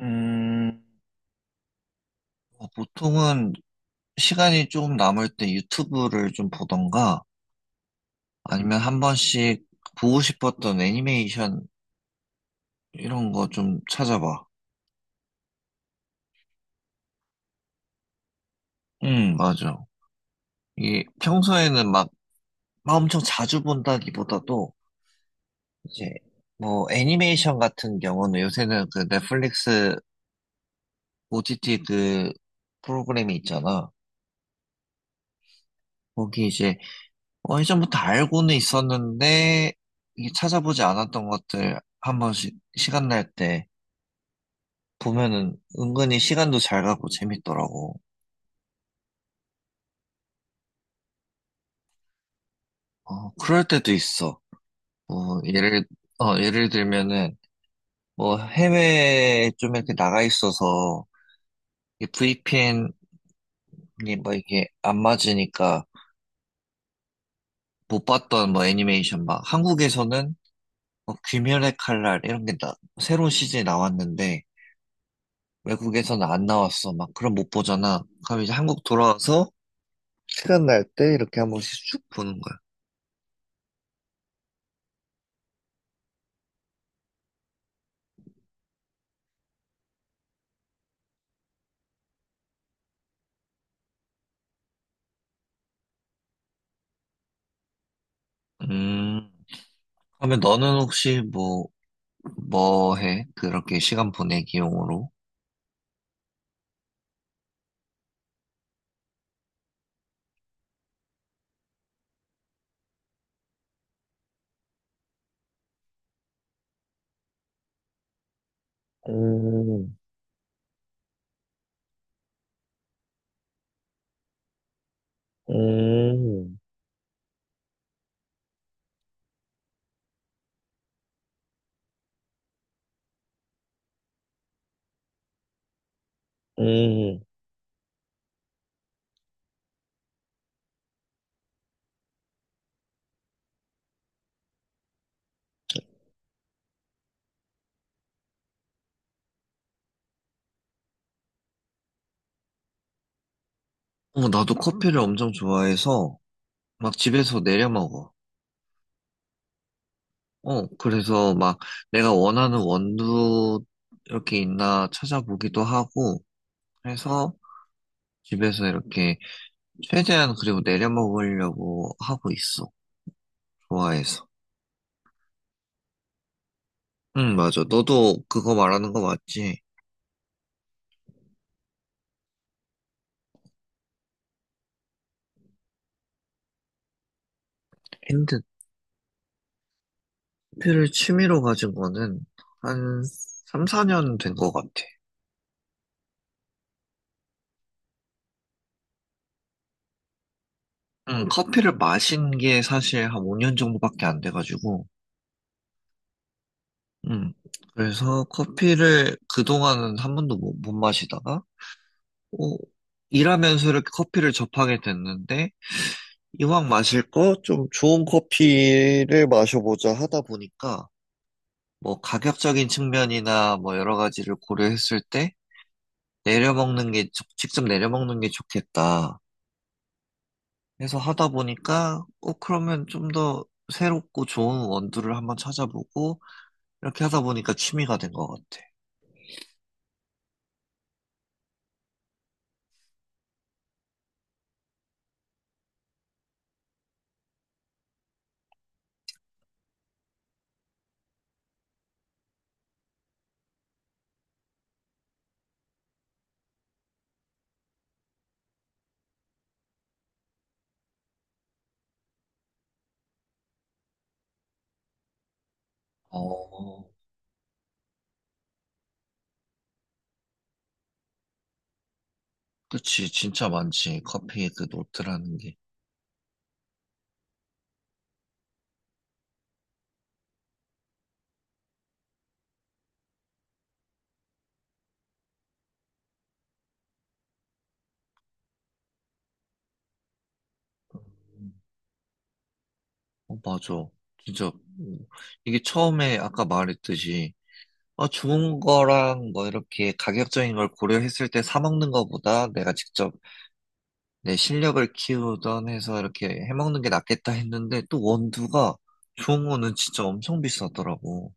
음, 보통은 시간이 조금 남을 때 유튜브를 좀 보던가 아니면 한 번씩 보고 싶었던 애니메이션 이런 거 좀 찾아봐. 맞아. 이게 평소에는 막 엄청 자주 본다기보다도 이제 뭐 애니메이션 같은 경우는 요새는 그 넷플릭스 OTT 그 프로그램이 있잖아. 거기 이제 예전부터 알고는 있었는데, 이게 찾아보지 않았던 것들 한 번씩 시간 날 때 보면은 은근히 시간도 잘 가고 재밌더라고. 어, 그럴 때도 있어. 뭐, 예를 들면은, 뭐, 해외에 좀 이렇게 나가 있어서, 이 VPN이 뭐 이게 안 맞으니까 못 봤던 뭐 애니메이션 막, 한국에서는 뭐 귀멸의 칼날 이런 게 나, 새로운 시즌이 나왔는데, 외국에서는 안 나왔어. 막 그럼 못 보잖아. 그럼 이제 한국 돌아와서 시간 날 때 이렇게 한 번씩 쭉 보는 거야. 음, 그러면 너는 혹시 뭐, 뭐 해? 그렇게 시간 보내기용으로? 어, 나도 커피를 엄청 좋아해서 막 집에서 내려 먹어. 그래서 막 내가 원하는 원두 이렇게 있나 찾아보기도 하고 해서 집에서 이렇게 최대한 그리고 내려 먹으려고 하고 있어. 좋아해서. 응, 맞아. 너도 그거 말하는 거 맞지? 핸드피를 취미로 가진 거는 한 3, 4년 된 거 같아. 응, 커피를 마신 게 사실 한 5년 정도밖에 안 돼가지고, 응. 그래서 커피를 그동안은 한 번도 못 마시다가, 어, 일하면서 이렇게 커피를 접하게 됐는데, 이왕 마실 거 좀 좋은 커피를 마셔보자 하다 보니까, 뭐 가격적인 측면이나 뭐 여러 가지를 고려했을 때, 내려먹는 게, 좋- 직접 내려먹는 게 좋겠다 해서 하다 보니까, 그러면 좀 더 새롭고 좋은 원두를 한번 찾아보고, 이렇게 하다 보니까 취미가 된 것 같아. 어, 그치, 진짜 많지. 커피 그 노트라는 게. 어, 맞아. 진짜, 음, 이게 처음에 아까 말했듯이, 좋은 거랑 뭐 이렇게 가격적인 걸 고려했을 때 사 먹는 거보다 내가 직접 내 실력을 키우던 해서 이렇게 해먹는 게 낫겠다 했는데 또 원두가 좋은 거는 진짜 엄청 비싸더라고.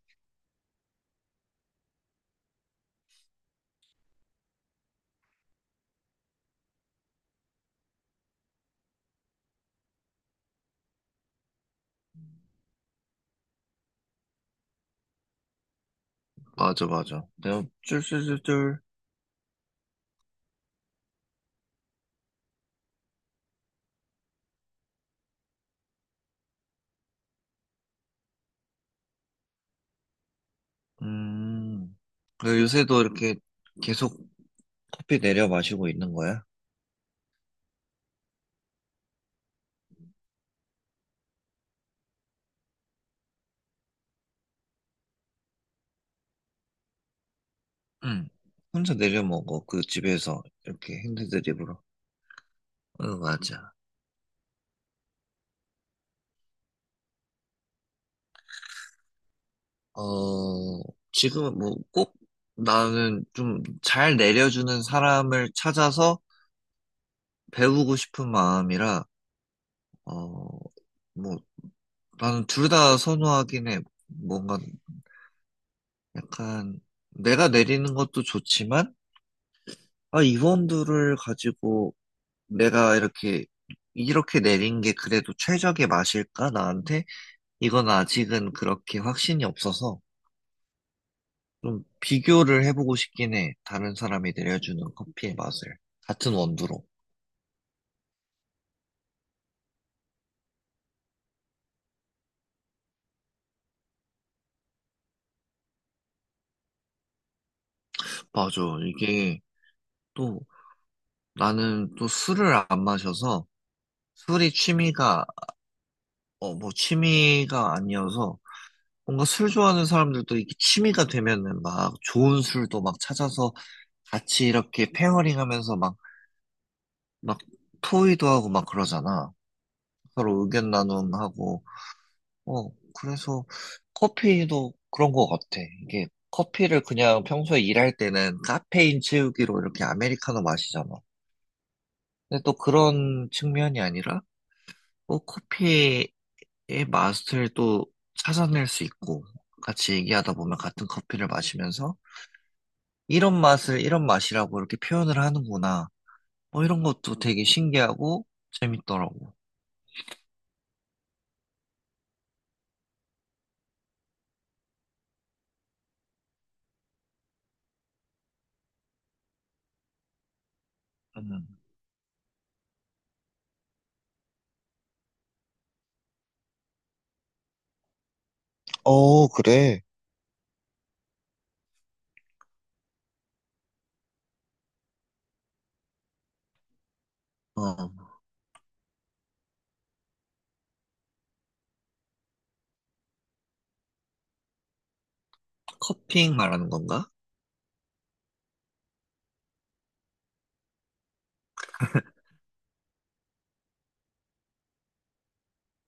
맞아, 맞아. 내가 쫄쫄쫄쫄. 음. 그 요새도 이렇게 계속 커피 내려 마시고 있는 거야? 응. 혼자 내려 먹어. 그 집에서 이렇게 핸드드립으로. 응, 맞아. 어, 지금은 뭐 꼭 나는 좀 잘 내려주는 사람을 찾아서 배우고 싶은 마음이라, 어, 뭐 나는 둘 다 선호하긴 해. 뭔가 약간 내가 내리는 것도 좋지만, 아, 이원두를 가지고 내가 이렇게, 이렇게 내린 게 그래도 최적의 맛일까? 나한테? 이건 아직은 그렇게 확신이 없어서 좀 비교를 해보고 싶긴 해. 다른 사람이 내려주는 커피의 맛을. 같은 원두로. 맞아. 이게 또 나는 또 술을 안 마셔서 술이 취미가, 뭐 취미가 아니어서 뭔가 술 좋아하는 사람들도 이게 취미가 되면은 막 좋은 술도 막 찾아서 같이 이렇게 페어링 하면서 막, 막 토의도 하고 막 그러잖아. 서로 의견 나눔하고. 어, 그래서 커피도 그런 것 같아. 이게 커피를 그냥 평소에 일할 때는 카페인 채우기로 이렇게 아메리카노 마시잖아. 근데 또 그런 측면이 아니라 또 커피의 맛을 또 찾아낼 수 있고 같이 얘기하다 보면 같은 커피를 마시면서 이런 맛을 이런 맛이라고 이렇게 표현을 하는구나. 뭐 이런 것도 되게 신기하고 재밌더라고. 음, 어, 그래. 어, 커핑 말하는 건가?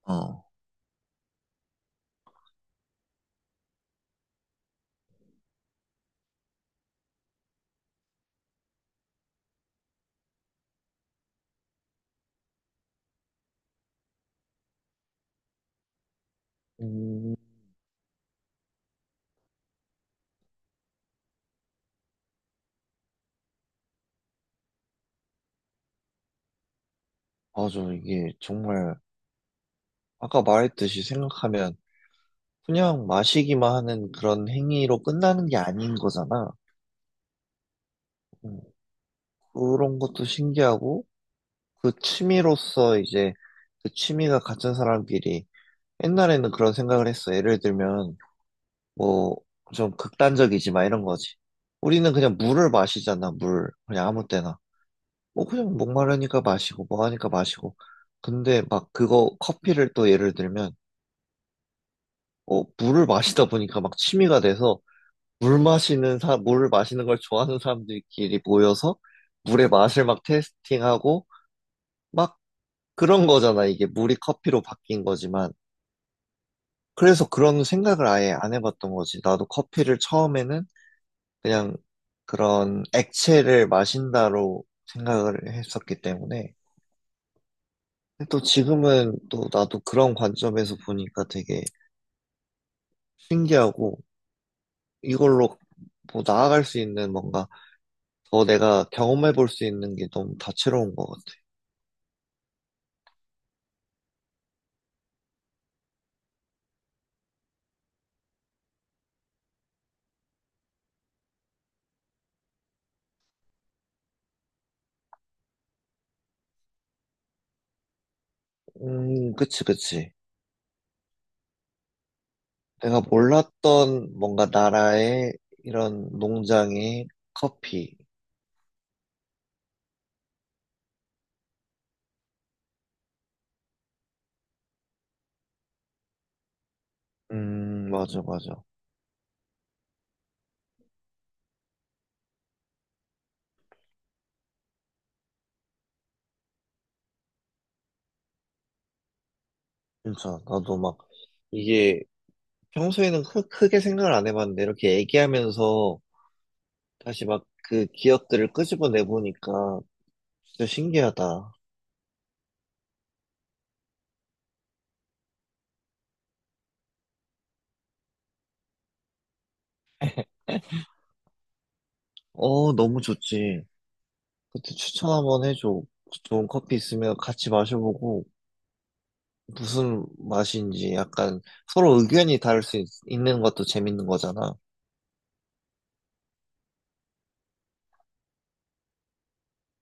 어, 음, 맞아. 이게 정말 아까 말했듯이 생각하면 그냥 마시기만 하는 그런 행위로 끝나는 게 아닌 거잖아. 음, 그런 것도 신기하고 그 취미로서 이제 그 취미가 같은 사람끼리 옛날에는 그런 생각을 했어. 예를 들면 뭐, 좀 극단적이지, 막 이런 거지. 우리는 그냥 물을 마시잖아, 물. 그냥 아무 때나. 뭐, 그냥 목마르니까 마시고, 뭐 하니까 마시고. 근데 막 그거, 커피를 또 예를 들면, 물을 마시다 보니까 막 취미가 돼서, 물 마시는 사, 물을 마시는 걸 좋아하는 사람들끼리 모여서, 물의 맛을 막 테스팅하고, 막 그런 거잖아, 이게. 물이 커피로 바뀐 거지만. 그래서 그런 생각을 아예 안 해봤던 거지. 나도 커피를 처음에는 그냥 그런 액체를 마신다로 생각을 했었기 때문에 근데 또 지금은 또 나도 그런 관점에서 보니까 되게 신기하고 이걸로 뭐 나아갈 수 있는 뭔가 더 내가 경험해 볼 수 있는 게 너무 다채로운 것 같아. 그치, 그치. 내가 몰랐던 뭔가 나라의 이런 농장의 커피. 맞아, 맞아. 진짜 나도 막 이게 평소에는 크게 생각을 안 해봤는데 이렇게 얘기하면서 다시 막 그 기억들을 끄집어내 보니까 진짜 신기하다. 어, 너무 좋지. 그때 추천 한번 해줘. 좋은 커피 있으면 같이 마셔보고 무슨 맛인지 약간 서로 의견이 다를 수 있는 것도 재밌는 거잖아.